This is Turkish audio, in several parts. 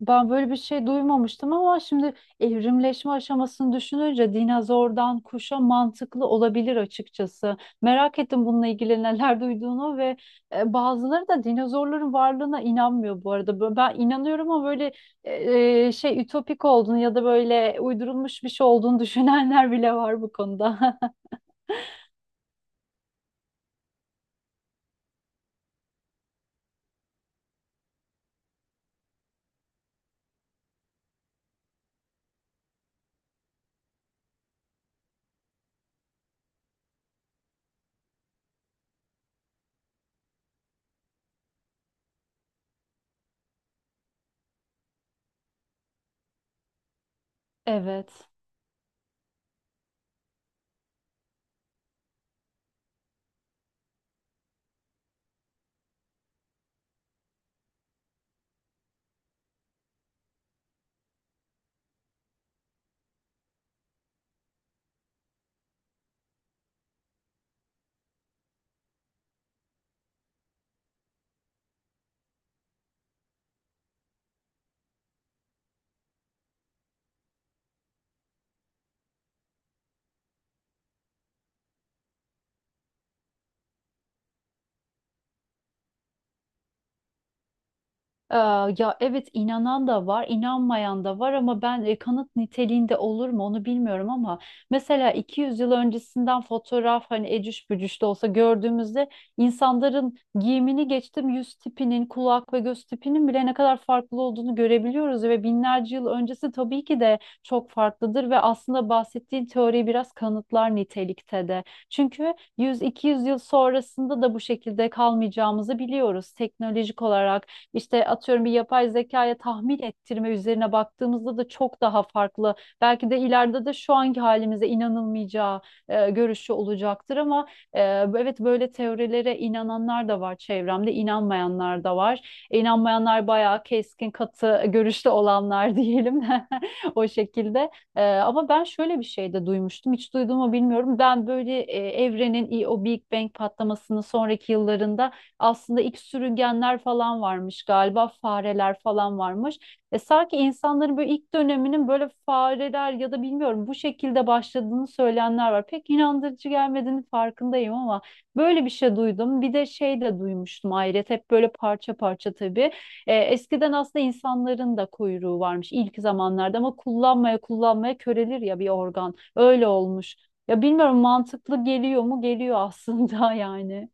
Ben böyle bir şey duymamıştım ama şimdi evrimleşme aşamasını düşününce dinozordan kuşa mantıklı olabilir açıkçası. Merak ettim bununla ilgili neler duyduğunu ve bazıları da dinozorların varlığına inanmıyor bu arada. Ben inanıyorum ama böyle e, şey ütopik olduğunu ya da böyle uydurulmuş bir şey olduğunu düşünenler bile var bu konuda. Evet. Ee, Ya evet, inanan da var, inanmayan da var ama ben kanıt niteliğinde olur mu onu bilmiyorum ama mesela 200 yıl öncesinden fotoğraf hani ecüş bücüş de olsa gördüğümüzde insanların giyimini geçtim, yüz tipinin, kulak ve göz tipinin bile ne kadar farklı olduğunu görebiliyoruz ve binlerce yıl öncesi tabii ki de çok farklıdır ve aslında bahsettiğin teori biraz kanıtlar nitelikte de. Çünkü 100 200 yıl sonrasında da bu şekilde kalmayacağımızı biliyoruz teknolojik olarak. İşte atıyorum, bir yapay zekaya tahmin ettirme üzerine baktığımızda da çok daha farklı. Belki de ileride de şu anki halimize inanılmayacağı görüşü olacaktır ama e, evet, böyle teorilere inananlar da var çevremde, inanmayanlar da var. İnanmayanlar bayağı keskin, katı görüşte olanlar diyelim de o şekilde. Ama ben şöyle bir şey de duymuştum. Hiç duydum mu bilmiyorum. Ben böyle evrenin o Big Bang patlamasının sonraki yıllarında aslında ilk sürüngenler falan varmış galiba, fareler falan varmış. Sanki insanların böyle ilk döneminin böyle fareler ya da bilmiyorum bu şekilde başladığını söyleyenler var. Pek inandırıcı gelmediğini farkındayım ama böyle bir şey duydum. Bir de şey de duymuştum ayrıca, hep böyle parça parça tabii. Eskiden aslında insanların da kuyruğu varmış ilk zamanlarda ama kullanmaya kullanmaya körelir ya bir organ. Öyle olmuş. Ya bilmiyorum, mantıklı geliyor mu? Geliyor aslında yani.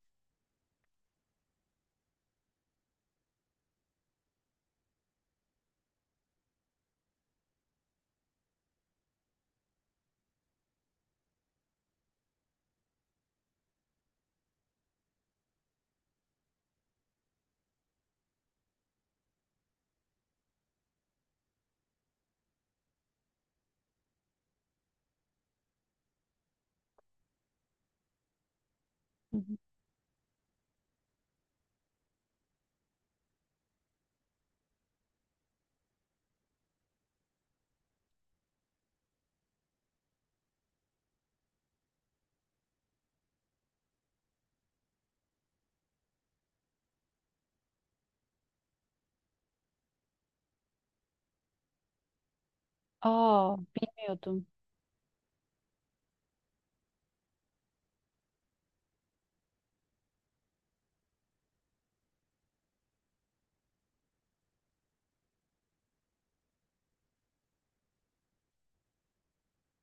Aa, bilmiyordum.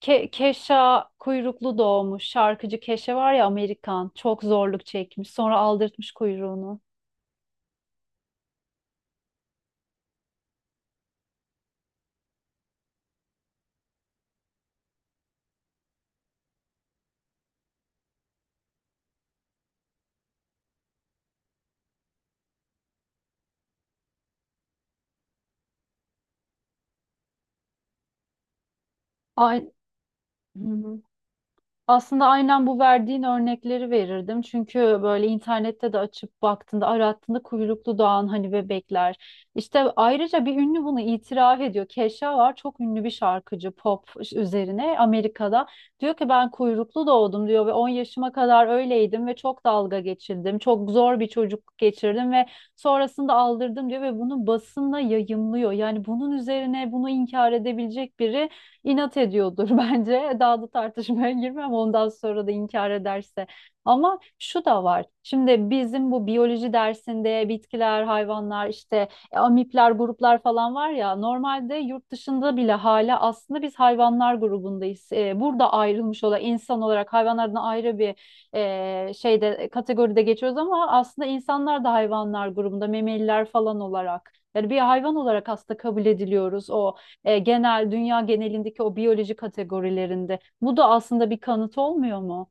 Keşa kuyruklu doğmuş. Şarkıcı Keşe var ya, Amerikan. Çok zorluk çekmiş. Sonra aldırtmış kuyruğunu. Ay, Hı hı. Aslında aynen bu verdiğin örnekleri verirdim. Çünkü böyle internette de açıp baktığında, arattığında kuyruklu doğan hani bebekler. İşte ayrıca bir ünlü bunu itiraf ediyor. Kesha var, çok ünlü bir şarkıcı pop üzerine Amerika'da. Diyor ki ben kuyruklu doğdum diyor ve 10 yaşıma kadar öyleydim ve çok dalga geçildim. Çok zor bir çocukluk geçirdim ve sonrasında aldırdım diyor ve bunu basında yayımlıyor. Yani bunun üzerine bunu inkar edebilecek biri inat ediyordur bence. Daha da tartışmaya girmem ondan sonra da inkar ederse. Ama şu da var. Şimdi bizim bu biyoloji dersinde bitkiler, hayvanlar, işte amipler, gruplar falan var ya, normalde yurt dışında bile hala aslında biz hayvanlar grubundayız. Burada ayrılmış olan insan olarak hayvanlardan ayrı bir şeyde, kategoride geçiyoruz ama aslında insanlar da hayvanlar grubunda, memeliler falan olarak. Yani bir hayvan olarak aslında kabul ediliyoruz o genel dünya genelindeki o biyoloji kategorilerinde. Bu da aslında bir kanıt olmuyor mu?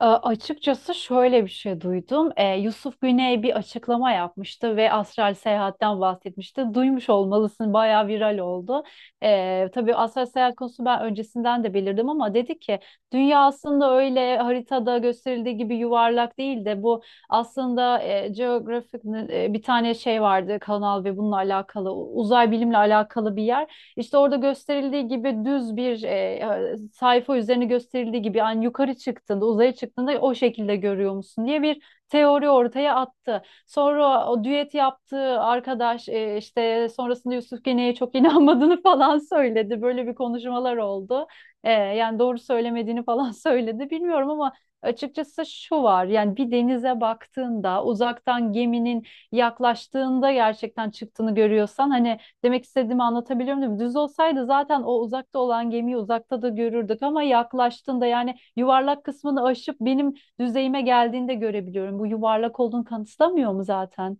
Açıkçası şöyle bir şey duydum. Yusuf Güney bir açıklama yapmıştı ve astral seyahatten bahsetmişti. Duymuş olmalısın, bayağı viral oldu. Tabii astral seyahat konusu ben öncesinden de belirdim ama dedi ki dünya aslında öyle haritada gösterildiği gibi yuvarlak değil de bu aslında Geographic bir tane şey vardı kanal ve bununla alakalı, uzay bilimle alakalı bir yer. İşte orada gösterildiği gibi düz bir sayfa üzerine gösterildiği gibi, yani yukarı çıktığında, uzaya çıktığında o şekilde görüyor musun diye bir teori ortaya attı. Sonra o düet yaptığı arkadaş işte sonrasında Yusuf Gene'ye çok inanmadığını falan söyledi. Böyle bir konuşmalar oldu. Yani doğru söylemediğini falan söyledi. Bilmiyorum ama açıkçası şu var. Yani bir denize baktığında uzaktan geminin yaklaştığında gerçekten çıktığını görüyorsan hani. Demek istediğimi anlatabiliyor muyum? Düz olsaydı zaten o uzakta olan gemiyi uzakta da görürdük ama yaklaştığında, yani yuvarlak kısmını aşıp benim düzeyime geldiğinde görebiliyorum. Bu yuvarlak olduğunu kanıtlamıyor mu zaten?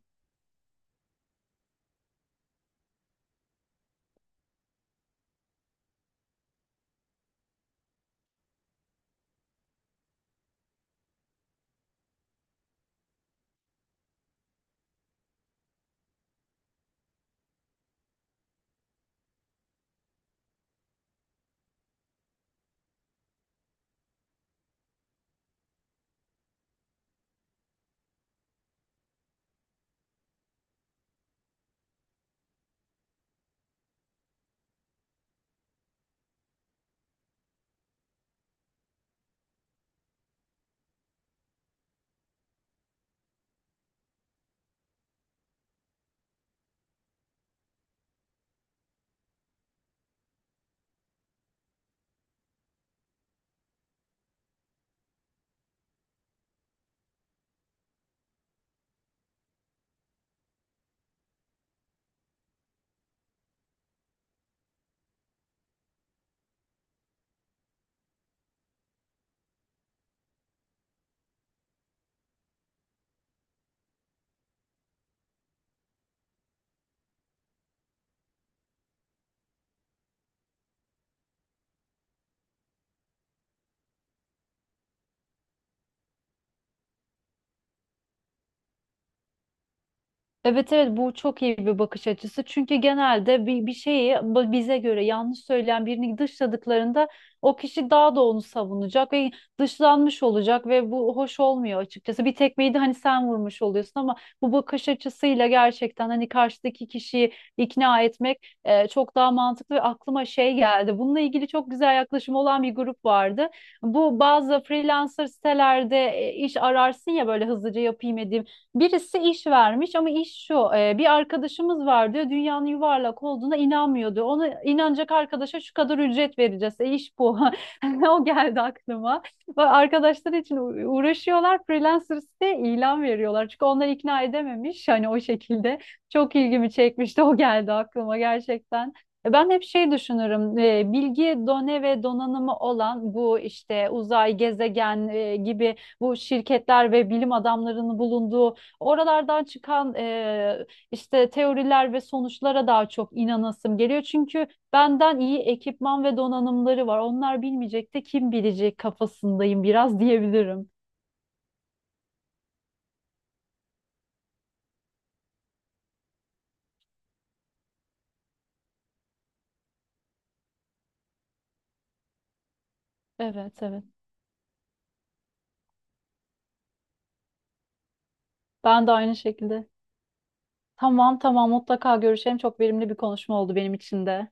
Evet, evet, bu çok iyi bir bakış açısı. Çünkü genelde bir şeyi bize göre yanlış söyleyen birini dışladıklarında o kişi daha da onu savunacak ve dışlanmış olacak ve bu hoş olmuyor açıkçası. Bir tekmeyi de hani sen vurmuş oluyorsun ama bu bakış açısıyla gerçekten hani karşıdaki kişiyi ikna etmek çok daha mantıklı ve aklıma şey geldi. Bununla ilgili çok güzel yaklaşım olan bir grup vardı. Bu bazı freelancer sitelerde iş ararsın ya, böyle hızlıca yapayım edeyim. Birisi iş vermiş ama iş şu: bir arkadaşımız var diyor, dünyanın yuvarlak olduğuna inanmıyor diyor. Ona inanacak arkadaşa şu kadar ücret vereceğiz. İş bu. O geldi aklıma. Bak, arkadaşlar için uğraşıyorlar. Freelancers'te ilan veriyorlar. Çünkü onları ikna edememiş. Hani o şekilde çok ilgimi çekmişti. O geldi aklıma gerçekten. Ben hep şey düşünürüm, bilgi done ve donanımı olan bu işte uzay, gezegen gibi bu şirketler ve bilim adamlarının bulunduğu oralardan çıkan işte teoriler ve sonuçlara daha çok inanasım geliyor. Çünkü benden iyi ekipman ve donanımları var. Onlar bilmeyecek de kim bilecek kafasındayım biraz diyebilirim. Evet, evet. Ben de aynı şekilde. Tamam, tamam, mutlaka görüşelim. Çok verimli bir konuşma oldu benim için de.